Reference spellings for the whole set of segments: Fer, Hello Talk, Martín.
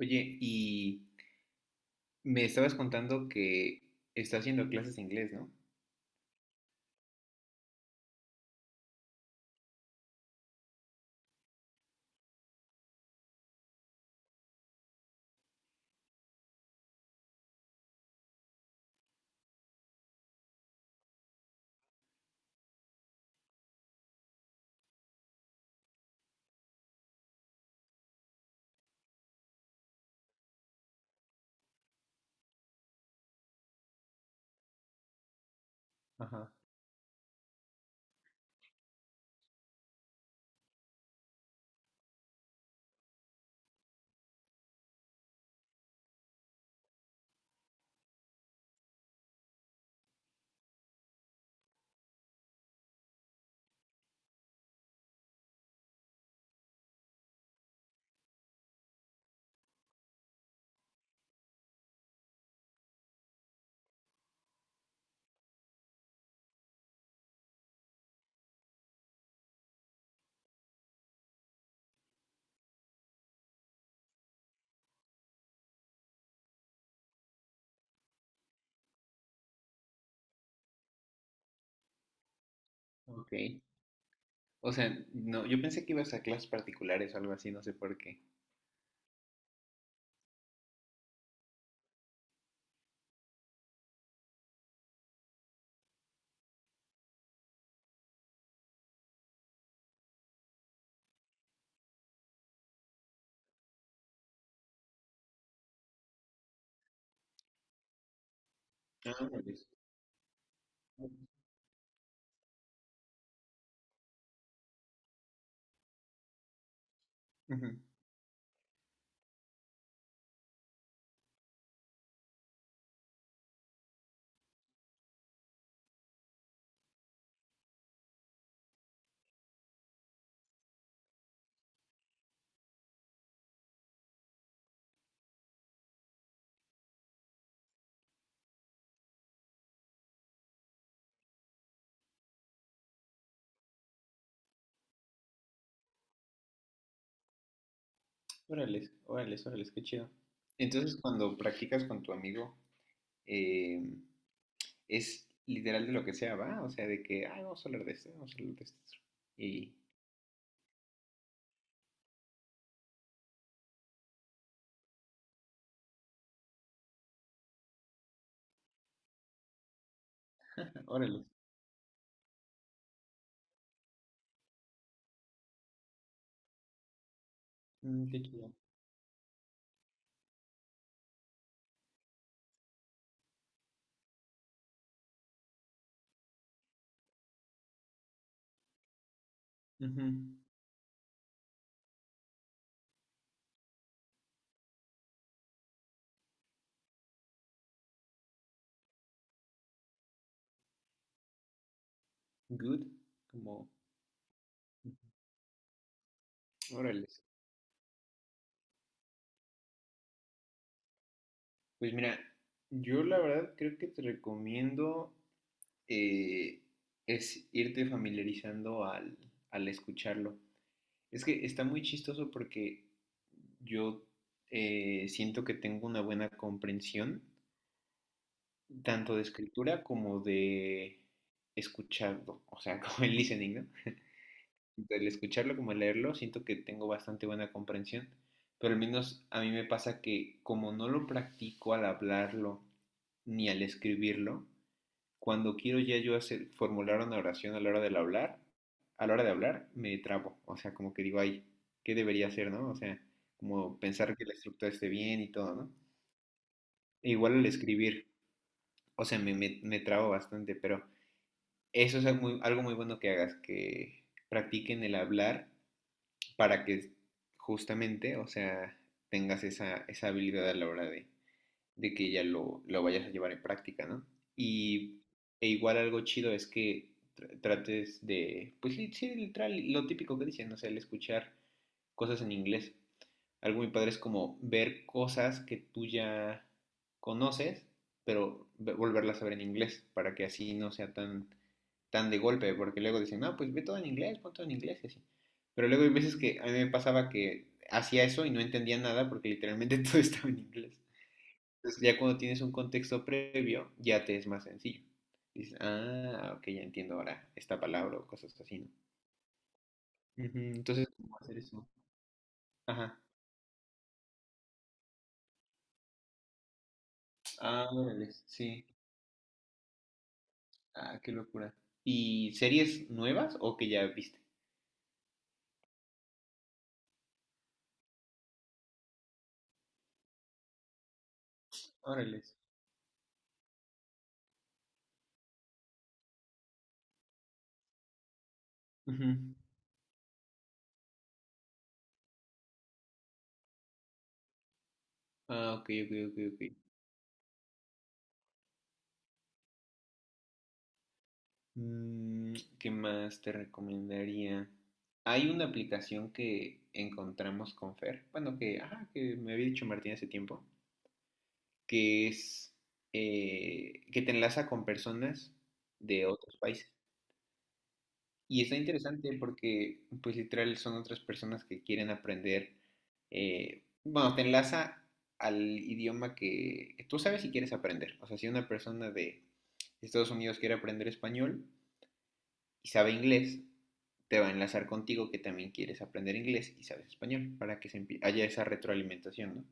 Oye, y me estabas contando que estás haciendo clases de inglés, ¿no? Ajá. Ok. O sea, no, yo pensé que ibas a clases particulares o algo así, no sé por qué. Ah, órales. Ujú. Órales, órales, órales, qué chido. Entonces, cuando practicas con tu amigo, eh, es literal de lo que sea, ¿va? O sea, de que, ah, vamos a hablar de esto, vamos a hablar de esto. Y, órales, mm, qué chido. Ujú. Good, como, órales. Pues mira, yo la verdad creo que te recomiendo eh, es irte familiarizando al escucharlo. Es que está muy chistoso porque yo, siento que tengo una buena comprensión tanto de escritura como de escucharlo, o sea, como el listening, ¿no? Tanto el escucharlo como el leerlo, siento que tengo bastante buena comprensión, pero al menos a mí me pasa que como no lo practico al hablarlo ni al escribirlo, cuando quiero ya yo hacer, formular una oración a la hora de hablar, a la hora de hablar, me trabo. O sea, como que digo, ay, ¿qué debería hacer, no? O sea, como pensar que la estructura esté bien y todo, ¿no? E igual al escribir, o sea, me trabo bastante, pero eso es algo muy bueno que hagas, que practiquen el hablar para que justamente, o sea, tengas esa, esa habilidad a la hora de que ya lo vayas a llevar en práctica, ¿no? Y e igual algo chido es que trates de, pues sí, literal, lo típico que dicen, o sea, el escuchar cosas en inglés. Algo muy padre es como ver cosas que tú ya conoces, pero volverlas a ver en inglés, para que así no sea tan, tan de golpe, porque luego dicen, no, pues ve todo en inglés, pon todo en inglés y así. Pero luego hay veces que a mí me pasaba que hacía eso y no entendía nada porque literalmente todo estaba en inglés. Entonces, ya cuando tienes un contexto previo, ya te es más sencillo. Dices, ah, ok, ya entiendo ahora esta palabra o cosas así, ¿no? Ujú. Entonces, ¿cómo hacer eso? Ajá. Ah, órale, sí. Ah, qué locura. ¿Y series nuevas o que ya viste? Órale. Ujú. Ah, ok, ok, ok, ok. Mm, ¿qué más te recomendaría? Hay una aplicación que encontramos con Fer, bueno, que, ajá, que me había dicho Martín hace tiempo, que es que te enlaza con personas de otros países. Y está interesante porque, pues literal, son otras personas que quieren aprender. Eh, bueno, te enlaza al idioma que tú sabes si quieres aprender. O sea, si una persona de Estados Unidos quiere aprender español y sabe inglés, te va a enlazar contigo que también quieres aprender inglés y sabes español para que haya esa retroalimentación, ¿no?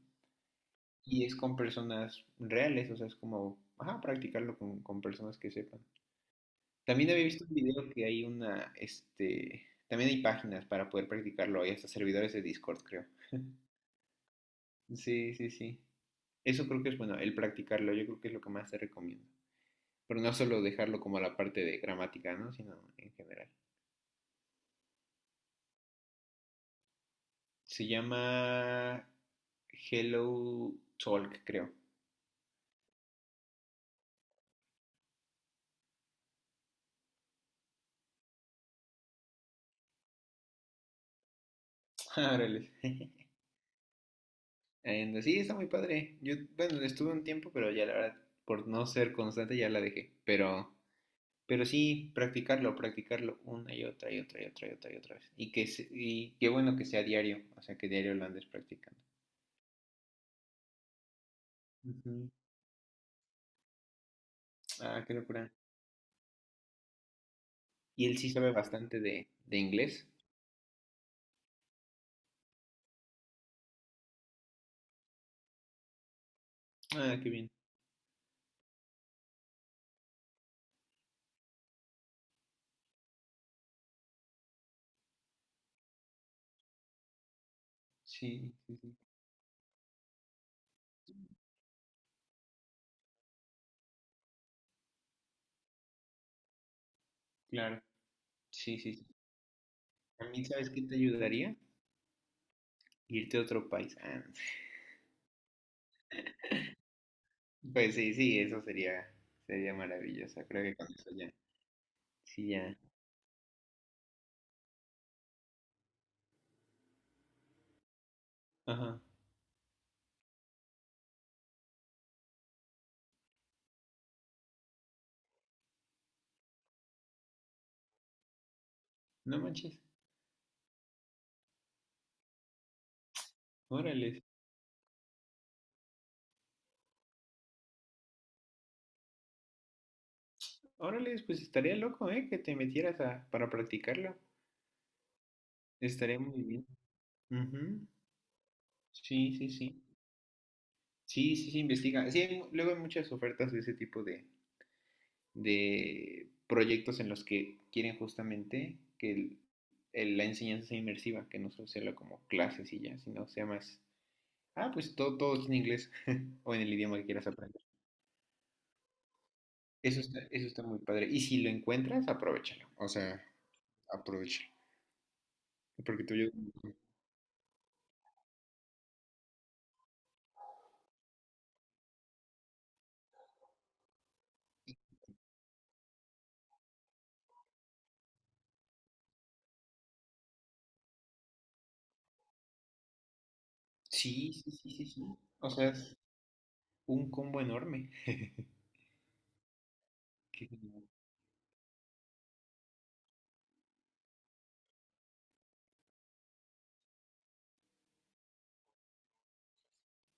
Y es con personas reales, o sea, es como, ajá, practicarlo con personas que sepan. También había visto un video que hay una, este, también hay páginas para poder practicarlo, hay hasta servidores de Discord, creo. Sí, sí, sí. Eso creo que es bueno, el practicarlo, yo creo que es lo que más te recomiendo. Pero no solo dejarlo como a la parte de gramática, ¿no? Sino en general. Se llama Hello Talk, creo. Órale. And, sí, está muy padre. Yo, bueno, estuve un tiempo, pero ya la verdad, por no ser constante, ya la dejé. Pero sí, practicarlo, practicarlo una y otra y otra y otra y otra y otra vez. Y y qué bueno que sea diario, o sea, que diario lo andes practicando. Ujú. Ah, qué locura. Y él sí sabe bastante de inglés. Ah, qué bien. Sí, sí, sí. Claro. Sí, sí, sí. A mí, ¿sabes qué te ayudaría? Irte a otro país. Ah, pues sí, sí, eso sería, sería maravilloso. Creo que con eso ya, sí, ya, ajá, no manches, órales, órales, pues estaría loco, ¿eh? Que te metieras a, para practicarlo, estaría muy bien. Ujú. Sí, sí, sí, sí, sí, sí, investiga. Sí, hay luego hay muchas ofertas de ese tipo de proyectos en los que quieren justamente que la enseñanza sea inmersiva, que no solo sea lo como clases y ya, sino sea más, ah, pues todo, todo es en inglés o en el idioma que quieras aprender. Eso está muy padre. Y si lo encuentras, aprovéchalo, o sea, aprovéchalo. Porque te oyes- Sí, sí, sí, sí, sí. O sea, es un combo enorme. Que-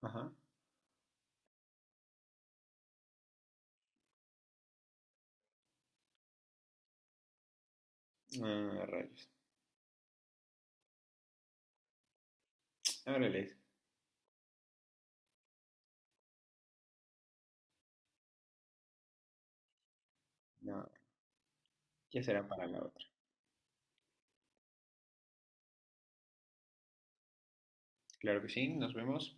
Ajá. Ah, rayos. Árales. No, ya será para la otra. Claro que sí, nos vemos.